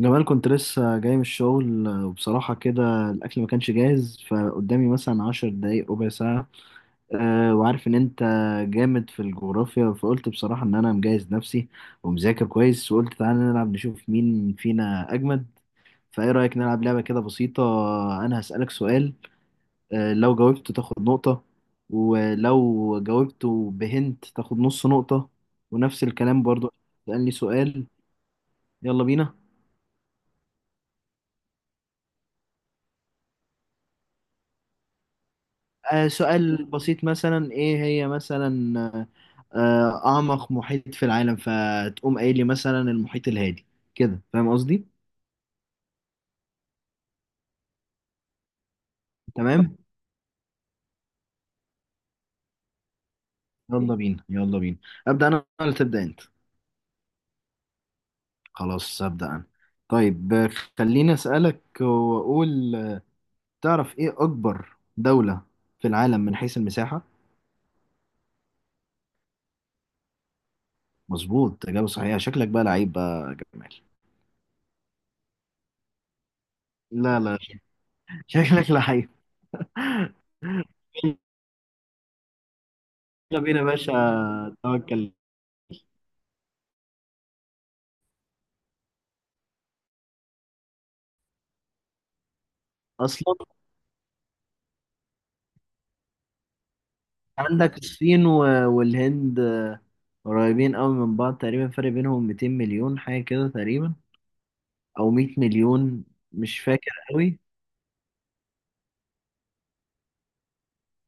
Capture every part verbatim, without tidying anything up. جمال كنت لسه جاي من الشغل آه، وبصراحة كده الأكل ما كانش جاهز، فقدامي مثلا عشر دقايق ربع ساعة. أه وعارف إن أنت جامد في الجغرافيا، فقلت بصراحة إن أنا مجهز نفسي ومذاكر كويس، وقلت تعالى نلعب نشوف مين فينا أجمد. فإيه رأيك نلعب لعبة كده بسيطة؟ أنا هسألك سؤال، أه لو جاوبته تاخد نقطة، ولو جاوبته بهنت تاخد نص نقطة، ونفس الكلام برضو تسألني سؤال. يلا بينا. آه، سؤال بسيط مثلا، ايه هي مثلا آه، آه، اعمق محيط في العالم؟ فتقوم قايل لي مثلا المحيط الهادي. كده فاهم قصدي؟ تمام. يلا بينا يلا بينا. ابدا انا ولا تبدا انت؟ خلاص ابدا انا. طيب آه، خليني اسالك واقول آه، تعرف ايه اكبر دولة في العالم من حيث المساحة؟ مظبوط، اجابه صحيحه. شكلك بقى لعيب بقى يا جمال. لا لا، شكلك لعيب. يلا بينا يا باشا، توكل. اصلا عندك الصين و- والهند، آه، قريبين قوي من بعض، تقريبا فرق بينهم ميتين مليون حاجة كده تقريبا، أو مية مليون، مش فاكر قوي.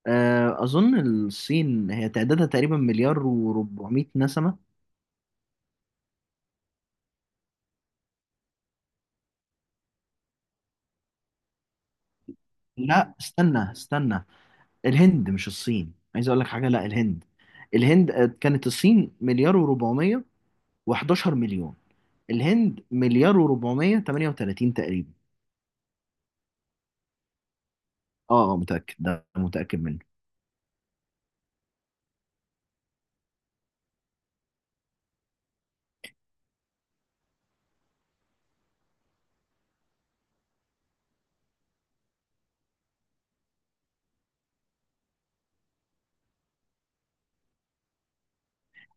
آه، أظن الصين هي تعدادها تقريبا مليار و400 نسمة. لا استنى استنى، الهند مش الصين، عايز أقول لك حاجة، لا الهند. الهند آه، كانت الصين مليار و400 و11 مليون، الهند مليار و438 تقريبا. اه آه، متأكد، ده متأكد منه.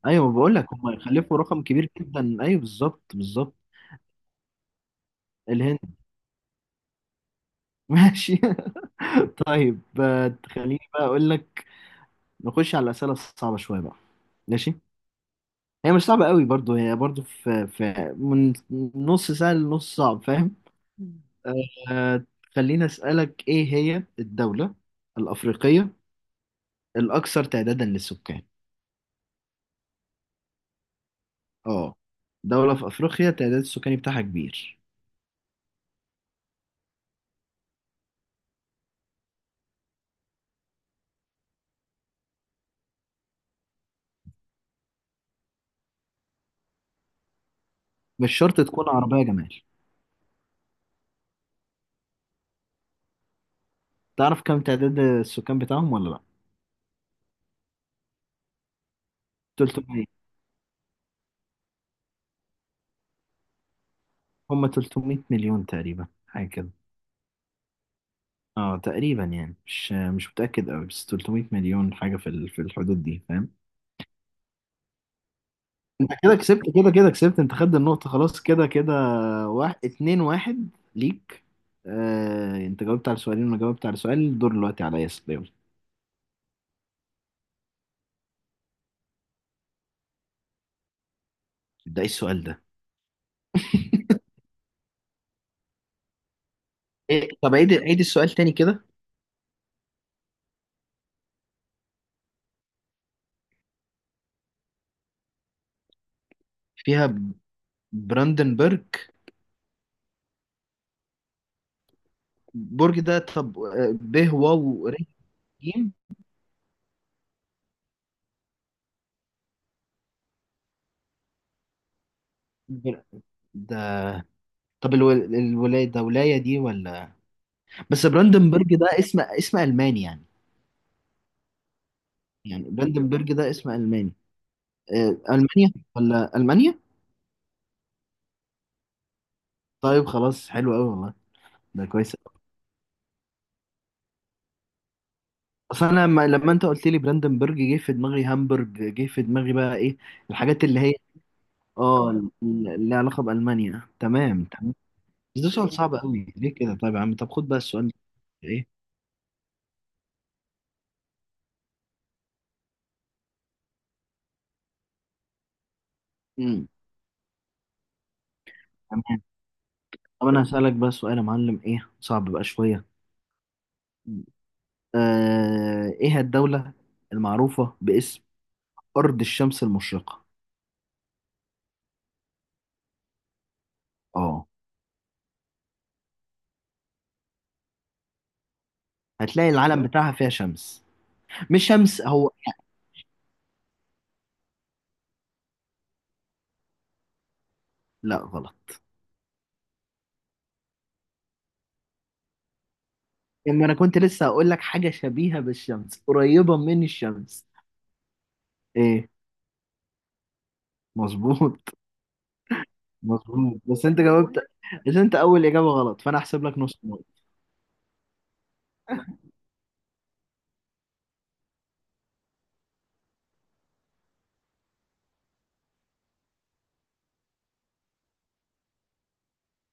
ايوه بقول لك هم يخلفوا رقم كبير جدا، ايوه بالظبط بالظبط. الهند. ماشي. طيب آه، خليني بقى اقول لك، نخش على الاسئله الصعبه شويه بقى. ماشي، هي مش صعبه قوي برضو، هي برضو في في من نص سهل لنص صعب، فاهم؟ آه. خليني اسالك، ايه هي الدوله الافريقيه الاكثر تعدادا للسكان؟ اه، دوله في افريقيا تعداد السكاني بتاعها كبير. مش شرط تكون عربيه يا جمال. تعرف كم تعداد السكان بتاعهم ولا لا؟ تلتمية، هم تلتمية مليون تقريبا حاجة كده. اه تقريبا يعني مش مش متأكد قوي، بس تلتمية مليون حاجة في ال- في الحدود دي، فاهم؟ انت كده كسبت، كده كده كسبت، انت خدت النقطة، خلاص كده كده. واحد اتنين واحد ليك. آه انت جاوبت على سؤالين، وانا جاوبت على سؤال، الدور دلوقتي عليا، يلا يلا. ده ايه السؤال ده؟ إيه؟ طب عيد عيد السؤال تاني كده. فيها براندنبرج؟ برج؟ ده طب آه، ب واو ر ج. بر- ده طب الو- الولاية، ده ولاية دي ولا؟ بس براندنبرج ده اسم اسم الماني يعني. يعني براندنبرج ده اسم الماني. آه، المانيا ولا المانيا؟ طيب خلاص، حلو قوي والله، ده كويس أوي. اصل انا لما لما انت قلت لي براندنبرج، جه في دماغي هامبرج، جه في دماغي بقى ايه، الحاجات اللي هي، اه ال- اللي علاقه بالمانيا، تمام تمام. بس ده سؤال صعب قوي ليه كده؟ طيب يا عم طب خد بقى السؤال ده. ايه؟ امم. تمام. طب انا هسالك بقى سؤال يا معلم، ايه صعب بقى شويه. آه ايه الدوله المعروفه باسم أرض الشمس المشرقة؟ اه. هتلاقي العلم، لا بتاعها فيها شمس، مش شمس هو. لا غلط. لما أنا كنت لسه هقول لك حاجة شبيهة بالشمس، قريبة من الشمس. إيه؟ مظبوط مظبوط، بس أنت جاوبت، بس أنت أول إجابة غلط، فأنا هحسب لك نص نقطة.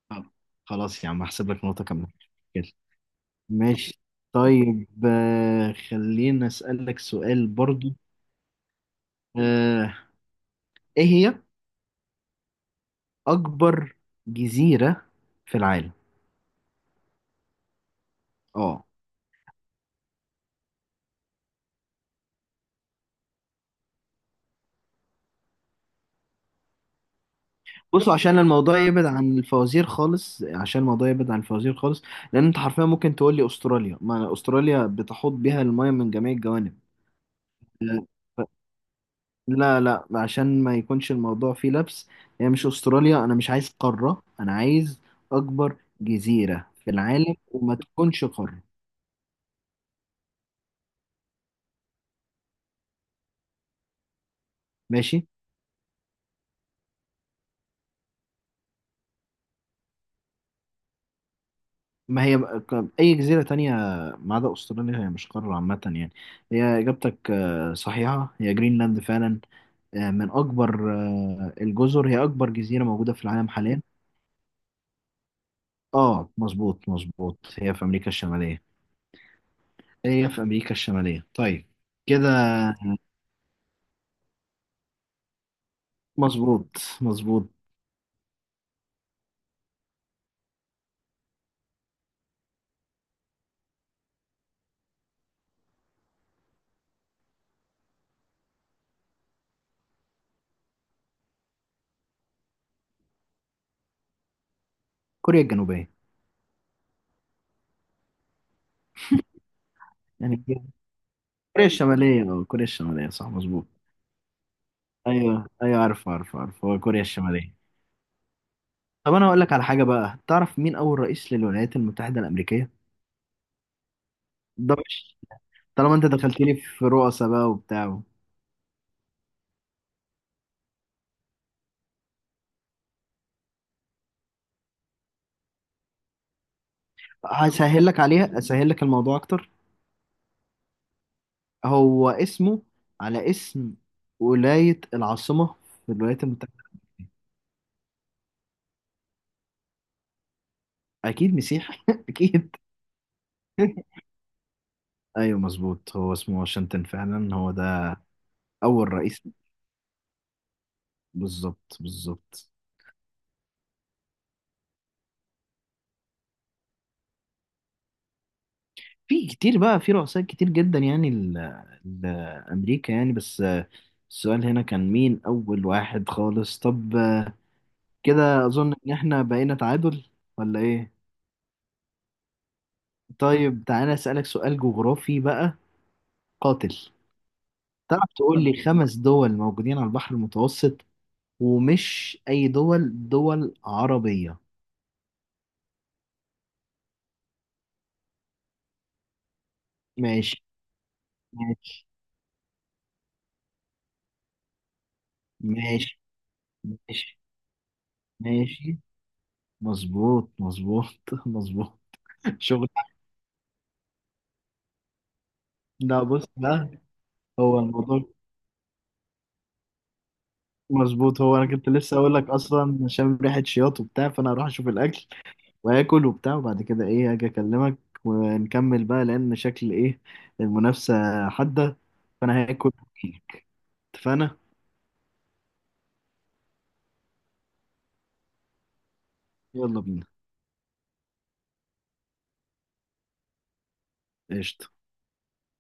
طب، خلاص يا عم هحسب لك نقطة كمان. كده. ماشي. طيب آه، خلينا أسألك سؤال برضو. آه، إيه هي أكبر جزيرة في العالم؟ اه. بصوا عشان الموضوع يبعد عن الفوازير خالص، عشان الموضوع يبعد عن الفوازير خالص، لان انت حرفيا ممكن تقول لي استراليا، ما استراليا بتحوط بها المايه من جميع الجوانب. لا لا، عشان ما يكونش الموضوع فيه لبس، هي مش استراليا، انا مش عايز قارة، انا عايز اكبر جزيرة في العالم، وما تكونش قارة. ماشي. ما هي بقى- اي جزيرة تانية ما عدا استراليا، هي مش قارة عامة يعني. هي اجابتك آه، صحيحة، هي جرينلاند فعلا، آه، من أكبر آه، الجزر، هي أكبر جزيرة موجودة في العالم حاليا. آه مظبوط مظبوط، هي في أمريكا الشمالية، هي في أمريكا الشمالية، طيب. كده. مظبوط مظبوط. كوريا الجنوبية؟ يعني كوريا الشمالية أو كوريا الشمالية، صح مظبوط. أيوه أيوه، عارف عارف عارف، هو كوريا الشمالية. طب أنا هقول لك على حاجة بقى، تعرف مين أول رئيس للولايات المتحدة الأمريكية؟ ده مش طالما أنت دخلتني في رؤساء بقى وبتاع. هسهل لك عليها، أسهل لك الموضوع أكتر، هو اسمه على اسم ولاية العاصمة في الولايات المتحدة. أكيد مسيح أكيد. أيوه مظبوط، هو اسمه واشنطن فعلا، هو ده أول رئيس. بالظبط بالظبط. في كتير بقى، في رؤساء كتير جدا يعني ل- لأمريكا يعني، بس آه، السؤال هنا كان مين أول واحد خالص. طب آه، كده أظن إن إحنا بقينا تعادل ولا إيه؟ طيب تعالى أسألك سؤال جغرافي بقى قاتل. تعرف تقول لي خمس دول موجودين على البحر المتوسط، ومش أي دول، دول عربية. ماشي. ماشي. ماشي. ماشي. ماشي. مظبوط مظبوط. مظبوط. شغل. لا بص بقى. هو الموضوع، مظبوط، هو أنا كنت لسه أقول لك أصلا عشان ريحة شياط وبتاع، فأنا هروح أشوف الأكل وآكل وبتاع، وبعد كده إيه هاجي أكلمك ونكمل بقى، لأن شكل إيه، المنافسة حادة، فأنا هاكل وأجيلك. اتفقنا. يلا بينا. قشطة.